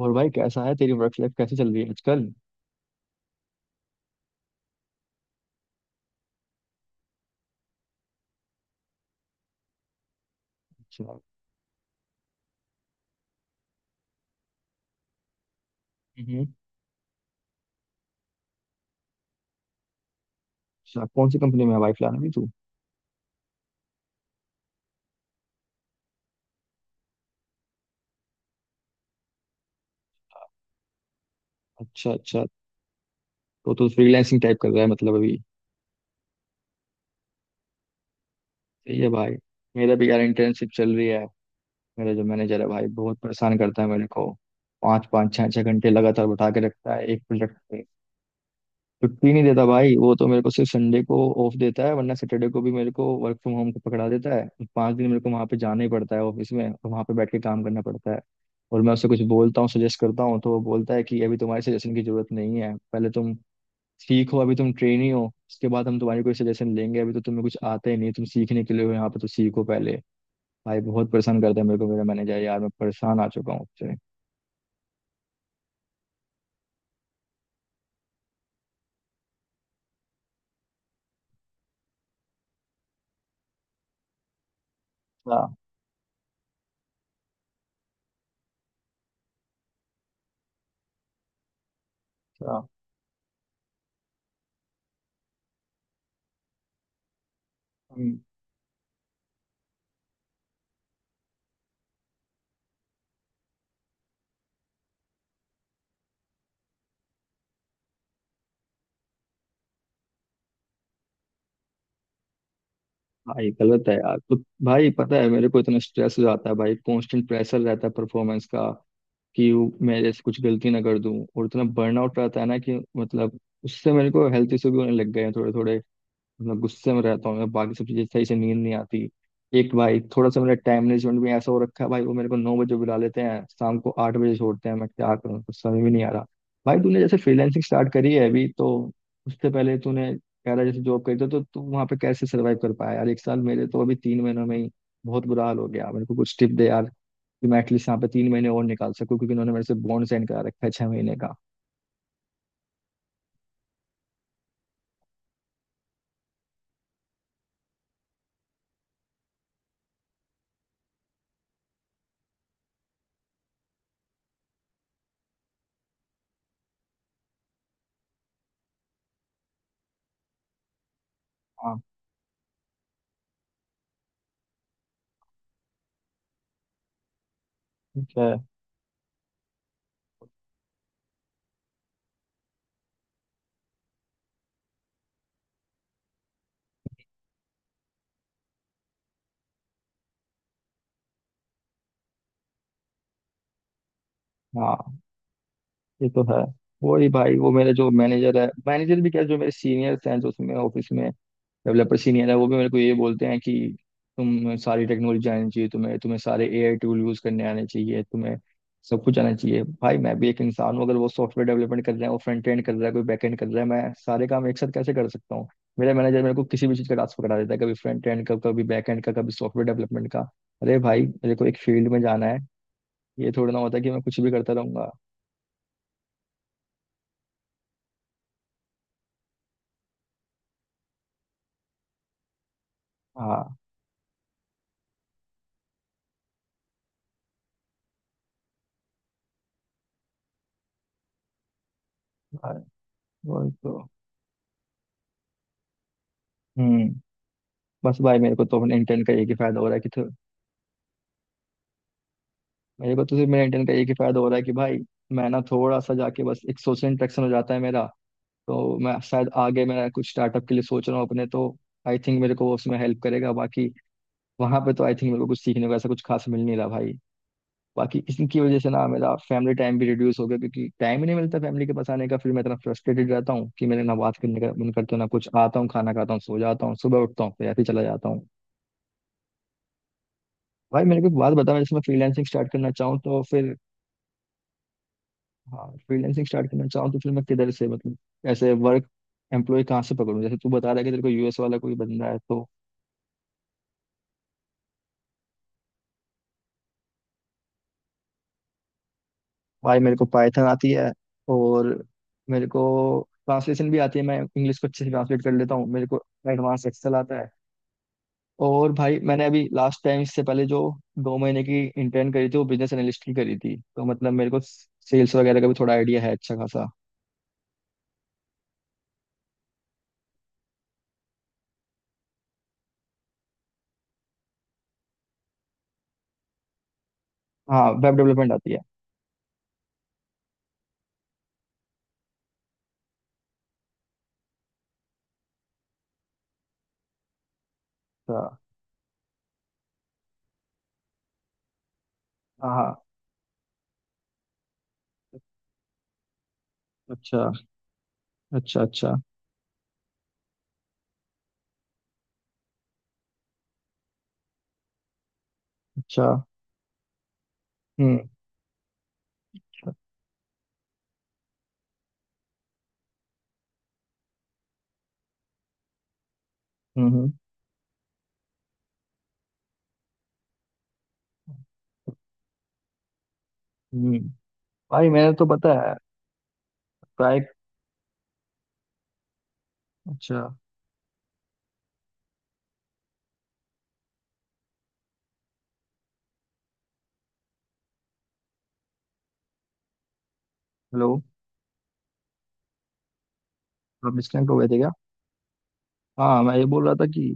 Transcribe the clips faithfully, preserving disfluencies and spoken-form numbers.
और भाई कैसा है, तेरी वर्क लाइफ कैसी चल रही है आजकल। अच्छा। हम्म। अच्छा, कौन सी कंपनी में है भाई फिलहाल अभी तू। अच्छा अच्छा। तो तू फ्रीलांसिंग टाइप कर रहा है मतलब अभी। सही है भाई। मेरा भी यार इंटर्नशिप चल रही है। मेरा जो मैनेजर है भाई, बहुत परेशान करता है मेरे को। पाँच पाँच छः छः घंटे लगातार बैठा के रखता है एक प्रोजेक्ट पे। छुट्टी नहीं देता भाई वो तो, मेरे को सिर्फ संडे को ऑफ देता है, वरना सैटरडे को भी मेरे को वर्क फ्रॉम होम का पकड़ा देता है। पांच दिन मेरे को वहां पे जाना ही पड़ता है ऑफिस में, और वहां पे बैठ के काम करना पड़ता है। और मैं उससे कुछ बोलता हूँ, सजेस्ट करता हूँ, तो वो बोलता है कि अभी तुम्हारे सजेशन की जरूरत नहीं है, पहले तुम सीखो, अभी तुम ट्रेनी हो, उसके बाद हम तुम्हारी कोई सजेशन लेंगे, अभी तो तुम्हें कुछ आता ही नहीं, तुम सीखने के लिए हो यहाँ पे, तो सीखो पहले। भाई बहुत परेशान करता है मेरे को मेरा मैनेजर यार, मैं परेशान आ चुका हूँ उससे। अच्छा अच्छा। भाई गलत है यार तो। भाई पता है, मेरे को इतना स्ट्रेस हो जाता है भाई, कांस्टेंट प्रेशर रहता है परफॉर्मेंस का कि वो मेरे से कुछ गलती ना कर दूं, और इतना बर्नआउट रहता है ना कि मतलब उससे मेरे को हेल्थ इशू भी होने लग गए हैं थोड़े थोड़े। मैं गुस्से में रहता हूँ, मैं बाकी सब चीजें सही से, नींद नहीं आती। एक भाई थोड़ा सा मेरा टाइम मैनेजमेंट भी ऐसा हो रखा है भाई, वो मेरे को नौ बजे बुला लेते हैं, शाम को आठ बजे छोड़ते हैं। मैं क्या करूँ, कुछ समझ में नहीं आ रहा। भाई तूने जैसे फ्रीलैंसिंग स्टार्ट करी है अभी तो, उससे पहले तूने कह रहा है जैसे जॉब करी थी, तो तू वहाँ पे कैसे सर्वाइव कर पाया यार एक साल। मेरे तो अभी तीन महीनों में ही बहुत बुरा हाल हो गया। मेरे को कुछ टिप दे यार, कि मैं एटलीस्ट यहाँ पे तीन महीने और निकाल सकूँ, क्योंकि उन्होंने मेरे से बॉन्ड साइन करा रखा है छह महीने का। हाँ। ठीक है। हाँ, ये तो है। वही भाई, वो मेरा जो मैनेजर है, मैनेजर भी क्या, जो मेरे सीनियर्स हैं जो उसमें ऑफिस में डेवलपर सीनियर है, वो भी मेरे को ये बोलते हैं कि तुम, सारी टेक्नोलॉजी आनी चाहिए तुम्हें, तुम्हें सारे एआई टूल यूज करने आने चाहिए, तुम्हें सब कुछ आना चाहिए। भाई मैं भी एक इंसान हूँ, अगर वो सॉफ्टवेयर डेवलपमेंट कर रहा है, वो फ्रंट एंड कर रहा है, कोई बैक एंड कर रहा है, मैं सारे काम एक साथ कैसे कर सकता हूँ। मेरा मैनेजर मेरे को किसी भी चीज़ का टास्क पकड़ा देता है, कभी फ्रंट एंड का, कभी बैक एंड का, कभी सॉफ्टवेयर डेवलपमेंट का। अरे भाई मेरे को एक फील्ड में जाना है, ये थोड़ा ना होता है कि मैं कुछ भी करता रहूंगा। हाँ वही तो। हम्म। बस भाई मेरे को तो अपने इंटर्न का एक ही फायदा हो रहा है कि तो, मेरे को तो सिर्फ मेरे इंटर्न का एक ही फायदा हो रहा है कि भाई मैं ना थोड़ा सा जाके बस एक सोशल इंटरेक्शन हो जाता है मेरा। तो मैं शायद आगे मैं कुछ स्टार्टअप के लिए सोच रहा हूँ अपने, तो आई थिंक मेरे को वो उसमें हेल्प करेगा। बाकी वहां पे तो आई थिंक मेरे को कुछ सीखने को ऐसा कुछ खास मिल नहीं रहा भाई। बाकी इनकी वजह से ना मेरा फैमिली टाइम भी रिड्यूस हो गया, क्योंकि टाइम ही नहीं मिलता फैमिली के पास आने का। फिर मैं इतना फ्रस्ट्रेटेड रहता हूँ कि मेरे ना बात करने का मन करता है, ना कुछ, आता हूँ खाना खाता हूँ सो जाता हूँ, सुबह उठता हूँ फिर ऐसे ही चला जाता हूँ। भाई मेरे को एक बात बता, मैं जैसे मैं फ्रीलांसिंग स्टार्ट करना चाहूँ तो फिर। हाँ फ्रीलांसिंग स्टार्ट करना चाहूँ तो फिर मैं किधर से मतलब, ऐसे वर्क एम्प्लॉय कहाँ से पकड़ूँ, जैसे तू बता रहा है कि तेरे को यूएस वाला कोई बंदा है तो। भाई मेरे को पाइथन आती है, और मेरे को ट्रांसलेशन भी आती है, मैं इंग्लिश को अच्छे से ट्रांसलेट कर लेता हूँ, मेरे को एडवांस एक्सेल आता है। और भाई मैंने अभी लास्ट टाइम इससे पहले जो दो महीने की इंटर्न करी थी, वो बिजनेस एनालिस्ट की करी थी, तो मतलब मेरे को सेल्स वगैरह का भी थोड़ा आइडिया है अच्छा खासा। हाँ वेब डेवलपमेंट आती है। तो, हाँ हाँ। अच्छा। अच्छा अच्छा। अच्छा हम्म हम्म। हम्म हम्म। भाई मैंने तो पता है। प्राय अच्छा। हेलो। आप डिस्कनेक्ट हो गए थे क्या। हाँ मैं ये बोल रहा था कि,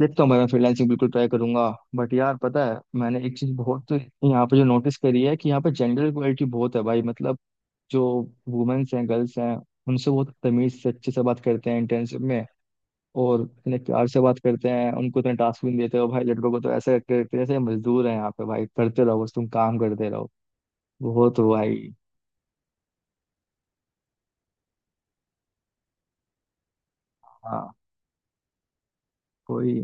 देखता हूँ भाई, मैं फ्रीलांसिंग बिल्कुल ट्राई करूंगा। बट यार पता है, मैंने एक चीज बहुत यहाँ पे जो नोटिस करी है कि यहाँ पे जेंडर इक्वलिटी बहुत है भाई, मतलब जो वुमेन्स हैं, गर्ल्स हैं, उनसे बहुत तमीज से अच्छे से बात करते हैं इंटर्नशिप में, और इतने प्यार से बात करते हैं, उनको इतने टास्क भी नहीं देते हो भाई। लड़कों को तो ऐसे करते हैं जैसे मजदूर हैं यहाँ पे भाई, करते रहो बस तुम काम करते रहो। वो तो भाई। हाँ। कोई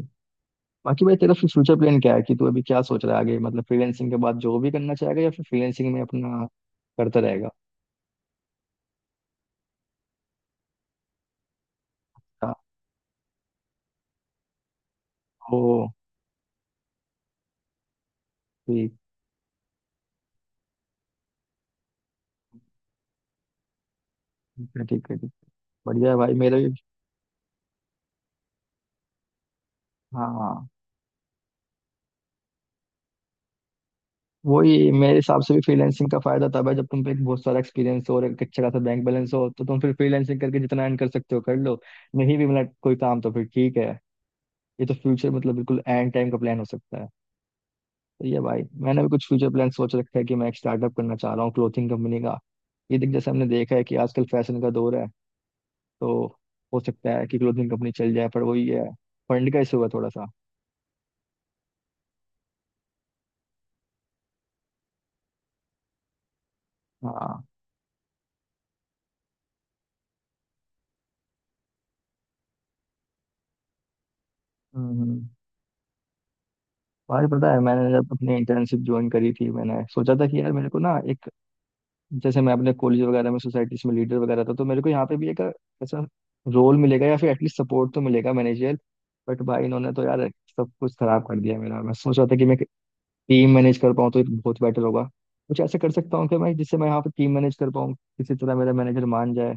बाकी भाई तेरा फिर फ्यूचर प्लान क्या है, कि तू अभी क्या सोच रहा है आगे, मतलब फ्रीलैंसिंग के बाद जॉब भी करना चाहेगा, या फिर फ्रीलैंसिंग में अपना करता रहेगा। हाँ, ओ, ठीक, ठीक है, ठीक है, ठीक। बढ़िया है भाई, मेरा भी। हाँ हाँ, वही मेरे हिसाब से भी फ्रीलैंसिंग का फायदा तब है जब तुम पे एक बहुत सारा एक्सपीरियंस हो और एक अच्छा खासा बैंक बैलेंस हो, तो तुम फिर फ्रीलैंसिंग करके जितना अर्न कर सकते हो कर लो, नहीं भी मिला कोई काम तो फिर ठीक है। ये तो फ्यूचर मतलब बिल्कुल एंड टाइम का प्लान हो सकता है। सही है भाई, मैंने भी कुछ फ्यूचर प्लान सोच रखा है, कि मैं एक स्टार्टअप करना चाह रहा हूँ क्लोथिंग कंपनी का। ये देख, जैसे हमने देखा है कि आजकल फैशन का दौर है, तो हो सकता है कि क्लोथिंग कंपनी चल जाए, पर वही है, फंड का इशू है थोड़ा सा। हाँ। हम्म हम्म। भाई पता है, मैंने जब अपनी इंटर्नशिप ज्वाइन करी थी, मैंने सोचा था कि यार मेरे को ना एक, जैसे मैं अपने कॉलेज वगैरह में सोसाइटीज में लीडर वगैरह था, तो मेरे को यहाँ पे भी एक ऐसा रोल मिलेगा, या फिर एटलीस्ट सपोर्ट तो मिलेगा मैनेजर। बट भाई इन्होंने तो यार सब कुछ खराब कर दिया मेरा। मैं सोच रहा था कि मैं टीम मैनेज कर पाऊँ तो एक बहुत बेटर होगा, कुछ ऐसा कर सकता हूँ कि मैं, जिससे मैं यहाँ पे टीम मैनेज कर पाऊँ, किसी तरह मेरा मैनेजर मान जाए।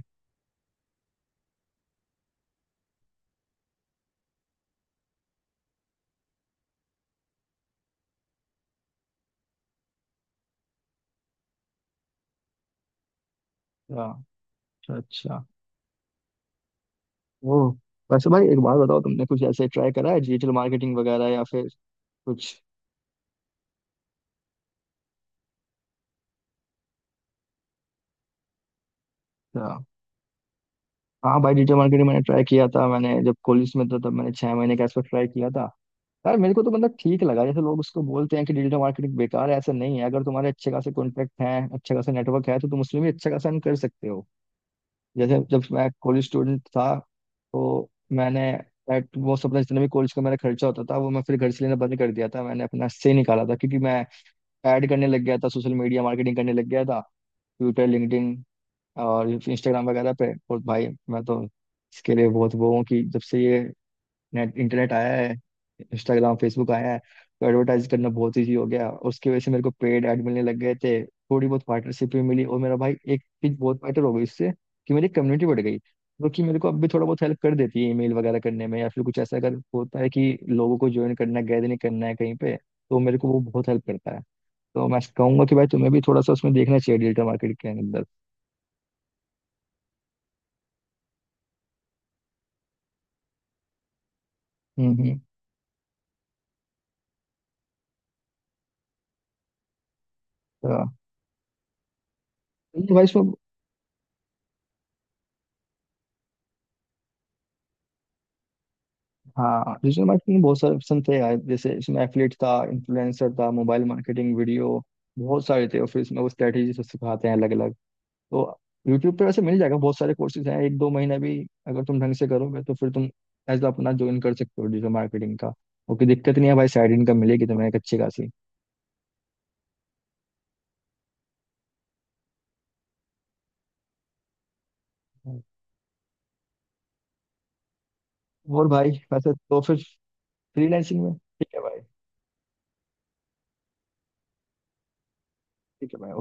हाँ, अच्छा अच्छा। ओ, वैसे भाई एक बात बताओ, तुमने कुछ ऐसे ट्राई करा है डिजिटल मार्केटिंग वगैरह, या फिर कुछ। हाँ हाँ भाई, डिजिटल मार्केटिंग मैंने ट्राई किया था। मैंने जब कॉलेज में था तब मैंने छह महीने का इसको ट्राई किया था। यार मेरे को तो मतलब ठीक लगा, जैसे लोग उसको बोलते हैं कि डिजिटल मार्केटिंग बेकार है, ऐसा नहीं है, अगर तुम्हारे अच्छे खासे कॉन्टैक्ट हैं, अच्छे खासे नेटवर्क है, तो तुम उसमें भी अच्छा खासा earn कर सकते हो। जैसे जब मैं कॉलेज स्टूडेंट था, तो मैंने एट वो अपना जितना भी कॉलेज का मेरा खर्चा होता था वो मैं फिर घर से लेना बंद कर दिया था, मैंने अपना से निकाला था क्योंकि मैं ऐड करने लग गया था, सोशल मीडिया मार्केटिंग करने लग गया था, ट्विटर, लिंक्डइन और इंस्टाग्राम वगैरह पे। और भाई मैं तो इसके लिए बहुत वो हूँ कि जब से ये नेट इंटरनेट आया है, इंस्टाग्राम फेसबुक आया है, तो एडवर्टाइज करना बहुत ईजी हो गया। उसकी वजह से मेरे को पेड ऐड मिलने लग गए थे, थोड़ी बहुत पार्टनरशिप भी मिली, और मेरा भाई एक चीज बहुत बेटर हो गई इससे कि मेरी कम्युनिटी बढ़ गई, जो कि मेरे को अब भी थोड़ा बहुत हेल्प कर देती है, ईमेल वगैरह करने में, या फिर कुछ ऐसा अगर होता है कि लोगों को ज्वाइन करना है, गैदरिंग करना है कहीं पे, तो मेरे को वो बहुत हेल्प करता है। तो मैं कहूंगा कि भाई तुम्हें भी थोड़ा सा उसमें देखना चाहिए, डिजिटल मार्केट के अंदर। हम्म हम्म। तो तो भाई इसमें, हाँ डिजिटल मार्केटिंग में बहुत सारे ऑप्शन थे यार, जैसे इसमें एफिलिएट था, इन्फ्लुएंसर था, मोबाइल मार्केटिंग, वीडियो, बहुत सारे थे। और फिर इसमें वो स्ट्रेटेजी से सिखाते हैं अलग अलग। तो यूट्यूब पे वैसे मिल जाएगा, बहुत सारे कोर्सेज हैं, एक दो महीना भी अगर तुम ढंग से करोगे तो फिर तुम एज अपना ज्वाइन कर सकते हो डिजिटल मार्केटिंग का। ओके दिक्कत नहीं है भाई, साइड इनकम मिलेगी तुम्हें एक अच्छी खासी। और भाई वैसे तो फिर फ्रीलांसिंग में। ठीक है भाई। ठीक है भाई, ओके।